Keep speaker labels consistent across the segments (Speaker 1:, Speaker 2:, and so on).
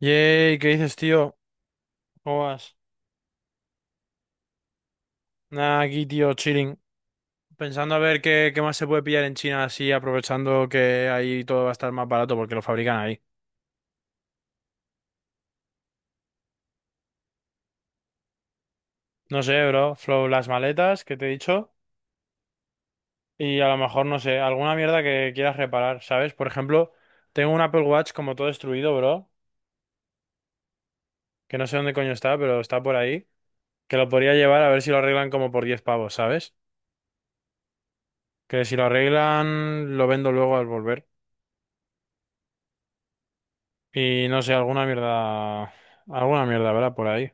Speaker 1: Yay, ¿qué dices, tío? ¿Cómo vas? Nada, aquí, tío, chilling. Pensando a ver qué más se puede pillar en China así, aprovechando que ahí todo va a estar más barato porque lo fabrican ahí. No sé, bro. Flow, las maletas que te he dicho. Y a lo mejor, no sé, alguna mierda que quieras reparar, ¿sabes? Por ejemplo, tengo un Apple Watch como todo destruido, bro. Que no sé dónde coño está, pero está por ahí. Que lo podría llevar a ver si lo arreglan como por 10 pavos, ¿sabes? Que si lo arreglan, lo vendo luego al volver. Y no sé, alguna mierda. Alguna mierda, ¿verdad? Por ahí.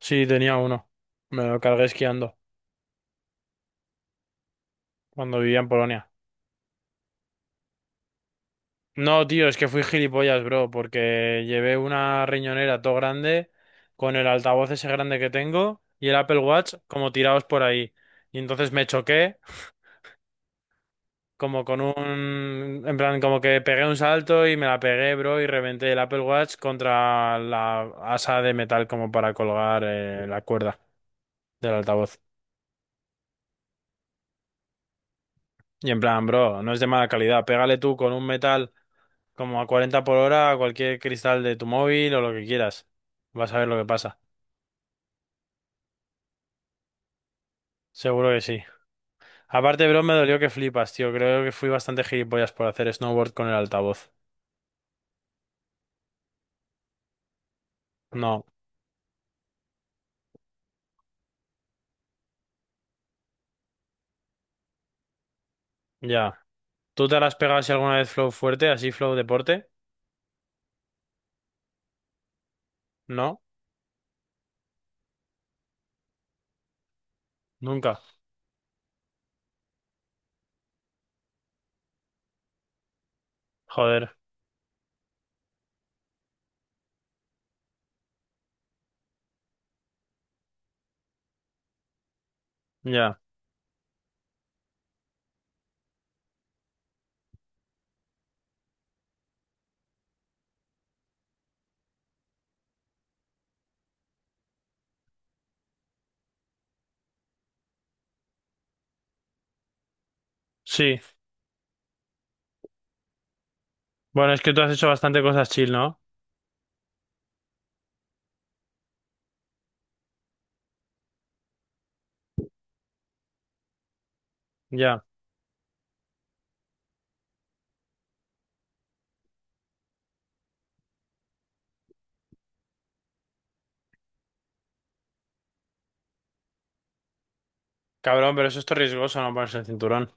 Speaker 1: Sí, tenía uno. Me lo cargué esquiando cuando vivía en Polonia. No, tío, es que fui gilipollas, bro, porque llevé una riñonera todo grande con el altavoz ese grande que tengo y el Apple Watch como tirados por ahí. Y entonces me choqué como con un... En plan, como que pegué un salto y me la pegué, bro, y reventé el Apple Watch contra la asa de metal como para colgar la cuerda del altavoz. Y en plan, bro, no es de mala calidad. Pégale tú con un metal como a 40 por hora a cualquier cristal de tu móvil o lo que quieras. Vas a ver lo que pasa. Seguro que sí. Aparte, bro, me dolió que flipas, tío. Creo que fui bastante gilipollas por hacer snowboard con el altavoz. No, ya. ¿Tú te la has pegado si alguna vez flow fuerte, así flow deporte? No, nunca. Joder, ya. Sí. Bueno, es que tú has hecho bastante cosas chill, ¿no? Ya. Cabrón, pero eso es todo riesgoso, no ponerse el cinturón.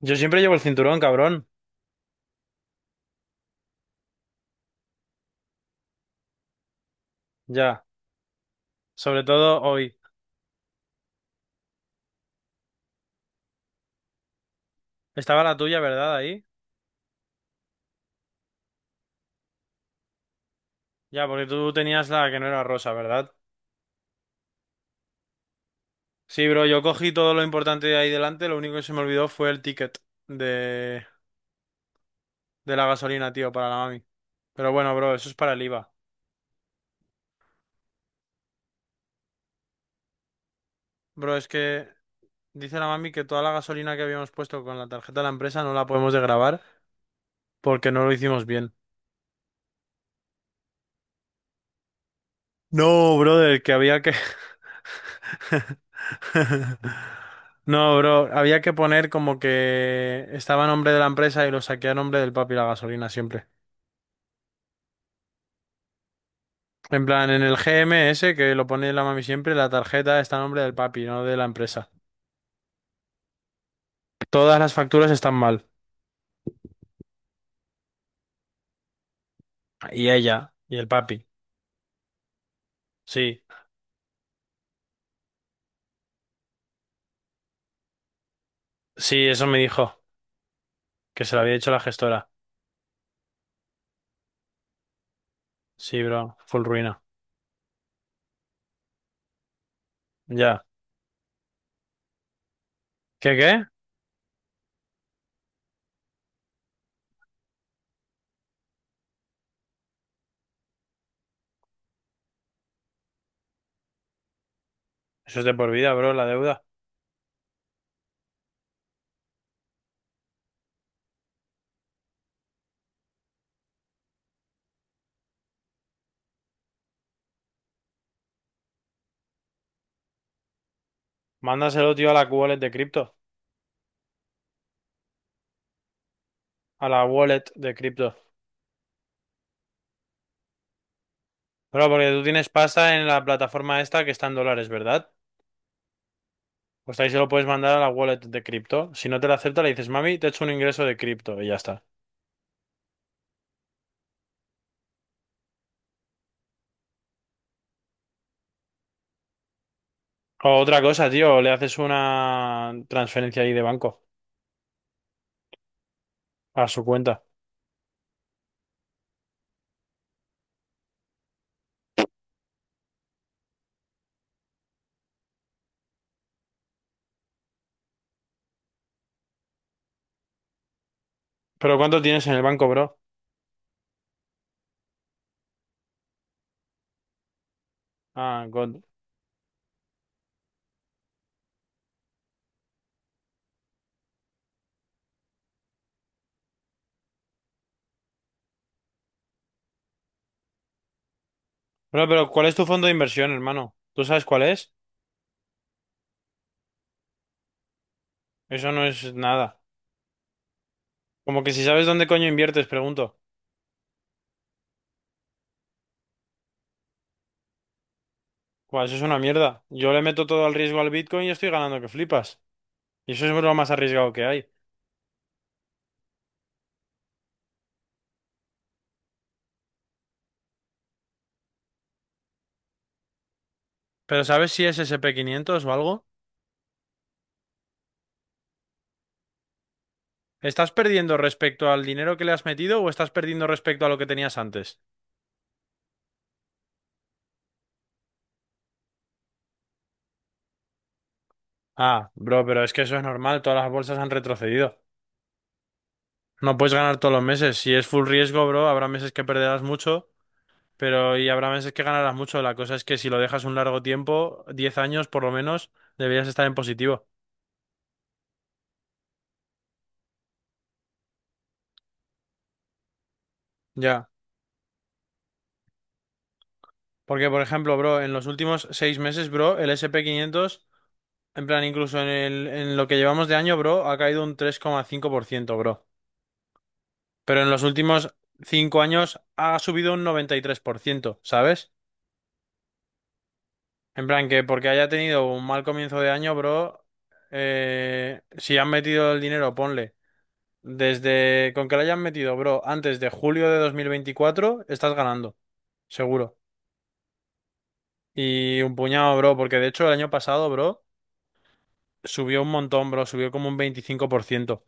Speaker 1: Yo siempre llevo el cinturón, cabrón. Ya. Sobre todo hoy. Estaba la tuya, ¿verdad? Ahí. Ya, porque tú tenías la que no era rosa, ¿verdad? Sí, bro, yo cogí todo lo importante de ahí delante, lo único que se me olvidó fue el ticket de, de la gasolina, tío, para la mami. Pero bueno, bro, eso es para el IVA. Bro, es que dice la mami que toda la gasolina que habíamos puesto con la tarjeta de la empresa no la podemos desgravar porque no lo hicimos bien. No, brother, que había que... No, bro, había que poner como que estaba a nombre de la empresa y lo saqué a nombre del papi la gasolina siempre. En plan, en el GMS, que lo pone la mami siempre, la tarjeta está a nombre del papi, no de la empresa. Todas las facturas están mal. Y ella, y el papi. Sí, sí, eso me dijo, que se lo había dicho la gestora. Sí, bro, full ruina. Ya. ¿Qué qué? Eso es de por vida, bro, la deuda. Mándaselo, tío, a la wallet de cripto. A la wallet de cripto. Bro, porque tú tienes pasta en la plataforma esta que está en dólares, ¿verdad? Pues ahí se lo puedes mandar a la wallet de cripto. Si no te la acepta, le dices: mami, te he hecho un ingreso de cripto y ya está. O otra cosa, tío, le haces una transferencia ahí de banco a su cuenta. ¿Pero cuánto tienes en el banco, bro? Ah, God. Bro, pero ¿cuál es tu fondo de inversión, hermano? ¿Tú sabes cuál es? Eso no es nada. Como que si sabes dónde coño inviertes, pregunto. Pues eso es una mierda. Yo le meto todo al riesgo al Bitcoin y estoy ganando que flipas. Y eso es lo más arriesgado que hay. ¿Pero sabes si es S&P 500 o algo? ¿Estás perdiendo respecto al dinero que le has metido o estás perdiendo respecto a lo que tenías antes? Ah, bro, pero es que eso es normal, todas las bolsas han retrocedido. No puedes ganar todos los meses. Si es full riesgo, bro, habrá meses que perderás mucho, pero y habrá meses que ganarás mucho. La cosa es que si lo dejas un largo tiempo, 10 años por lo menos, deberías estar en positivo. Ya. Porque, por ejemplo, bro, en los últimos 6 meses, bro, el S&P 500, en plan, incluso en lo que llevamos de año, bro, ha caído un 3,5%, bro. Pero en los últimos 5 años ha subido un 93%, ¿sabes? En plan, que porque haya tenido un mal comienzo de año, bro, si han metido el dinero, ponle. Desde con que lo hayan metido, bro, antes de julio de 2024 estás ganando, seguro. Y un puñado, bro, porque de hecho el año pasado, bro, subió un montón, bro, subió como un 25%.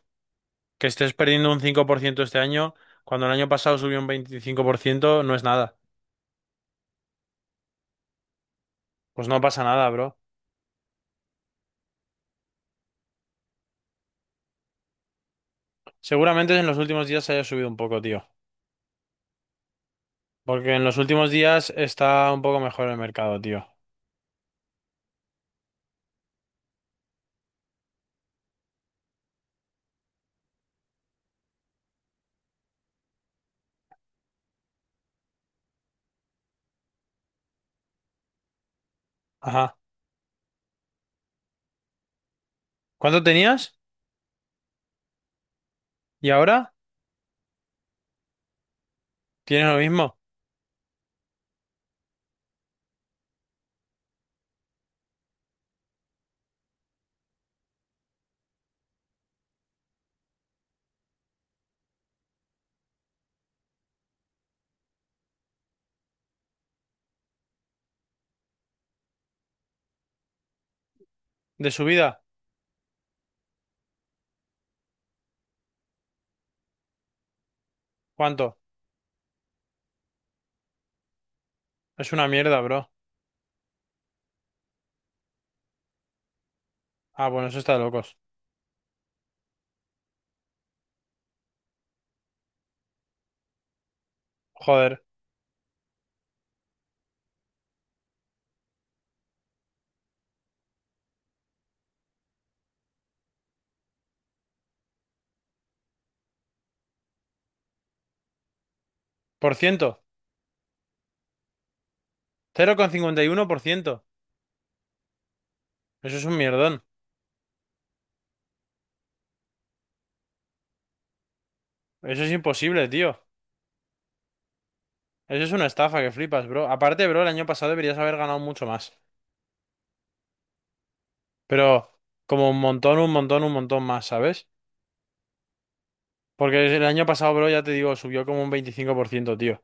Speaker 1: Que estés perdiendo un 5% este año, cuando el año pasado subió un 25%, no es nada. Pues no pasa nada, bro. Seguramente en los últimos días se haya subido un poco, tío. Porque en los últimos días está un poco mejor el mercado, tío. Ajá. ¿Cuánto tenías? ¿Y ahora? ¿Tienes lo mismo? ¿De subida? ¿Cuánto? Es una mierda, bro. Ah, bueno, eso está de locos. Joder. ¿Por ciento? 0,51%. Eso es un mierdón. Eso es imposible, tío. Eso es una estafa que flipas, bro. Aparte, bro, el año pasado deberías haber ganado mucho más. Pero como un montón, un montón, un montón más, ¿sabes? Porque el año pasado, bro, ya te digo, subió como un 25%, tío.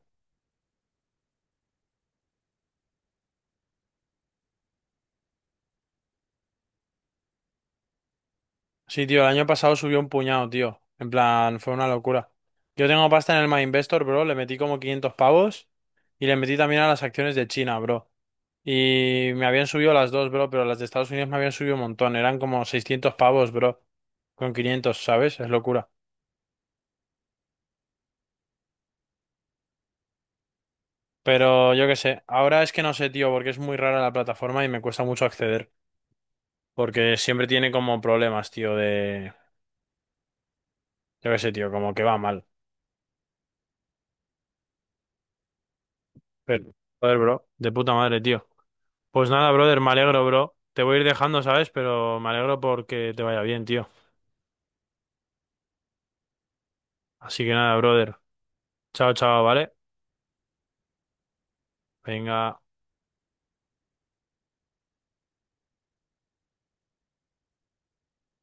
Speaker 1: Sí, tío, el año pasado subió un puñado, tío. En plan, fue una locura. Yo tengo pasta en el My Investor, bro. Le metí como 500 pavos y le metí también a las acciones de China, bro. Y me habían subido las dos, bro, pero las de Estados Unidos me habían subido un montón. Eran como 600 pavos, bro. Con quinientos, ¿sabes? Es locura. Pero yo qué sé. Ahora es que no sé, tío, porque es muy rara la plataforma y me cuesta mucho acceder. Porque siempre tiene como problemas, tío, de... Yo qué sé, tío, como que va mal. Pero, joder, bro, de puta madre, tío. Pues nada, brother, me alegro, bro. Te voy a ir dejando, ¿sabes? Pero me alegro porque te vaya bien, tío. Así que nada, brother. Chao, chao, ¿vale? Venga.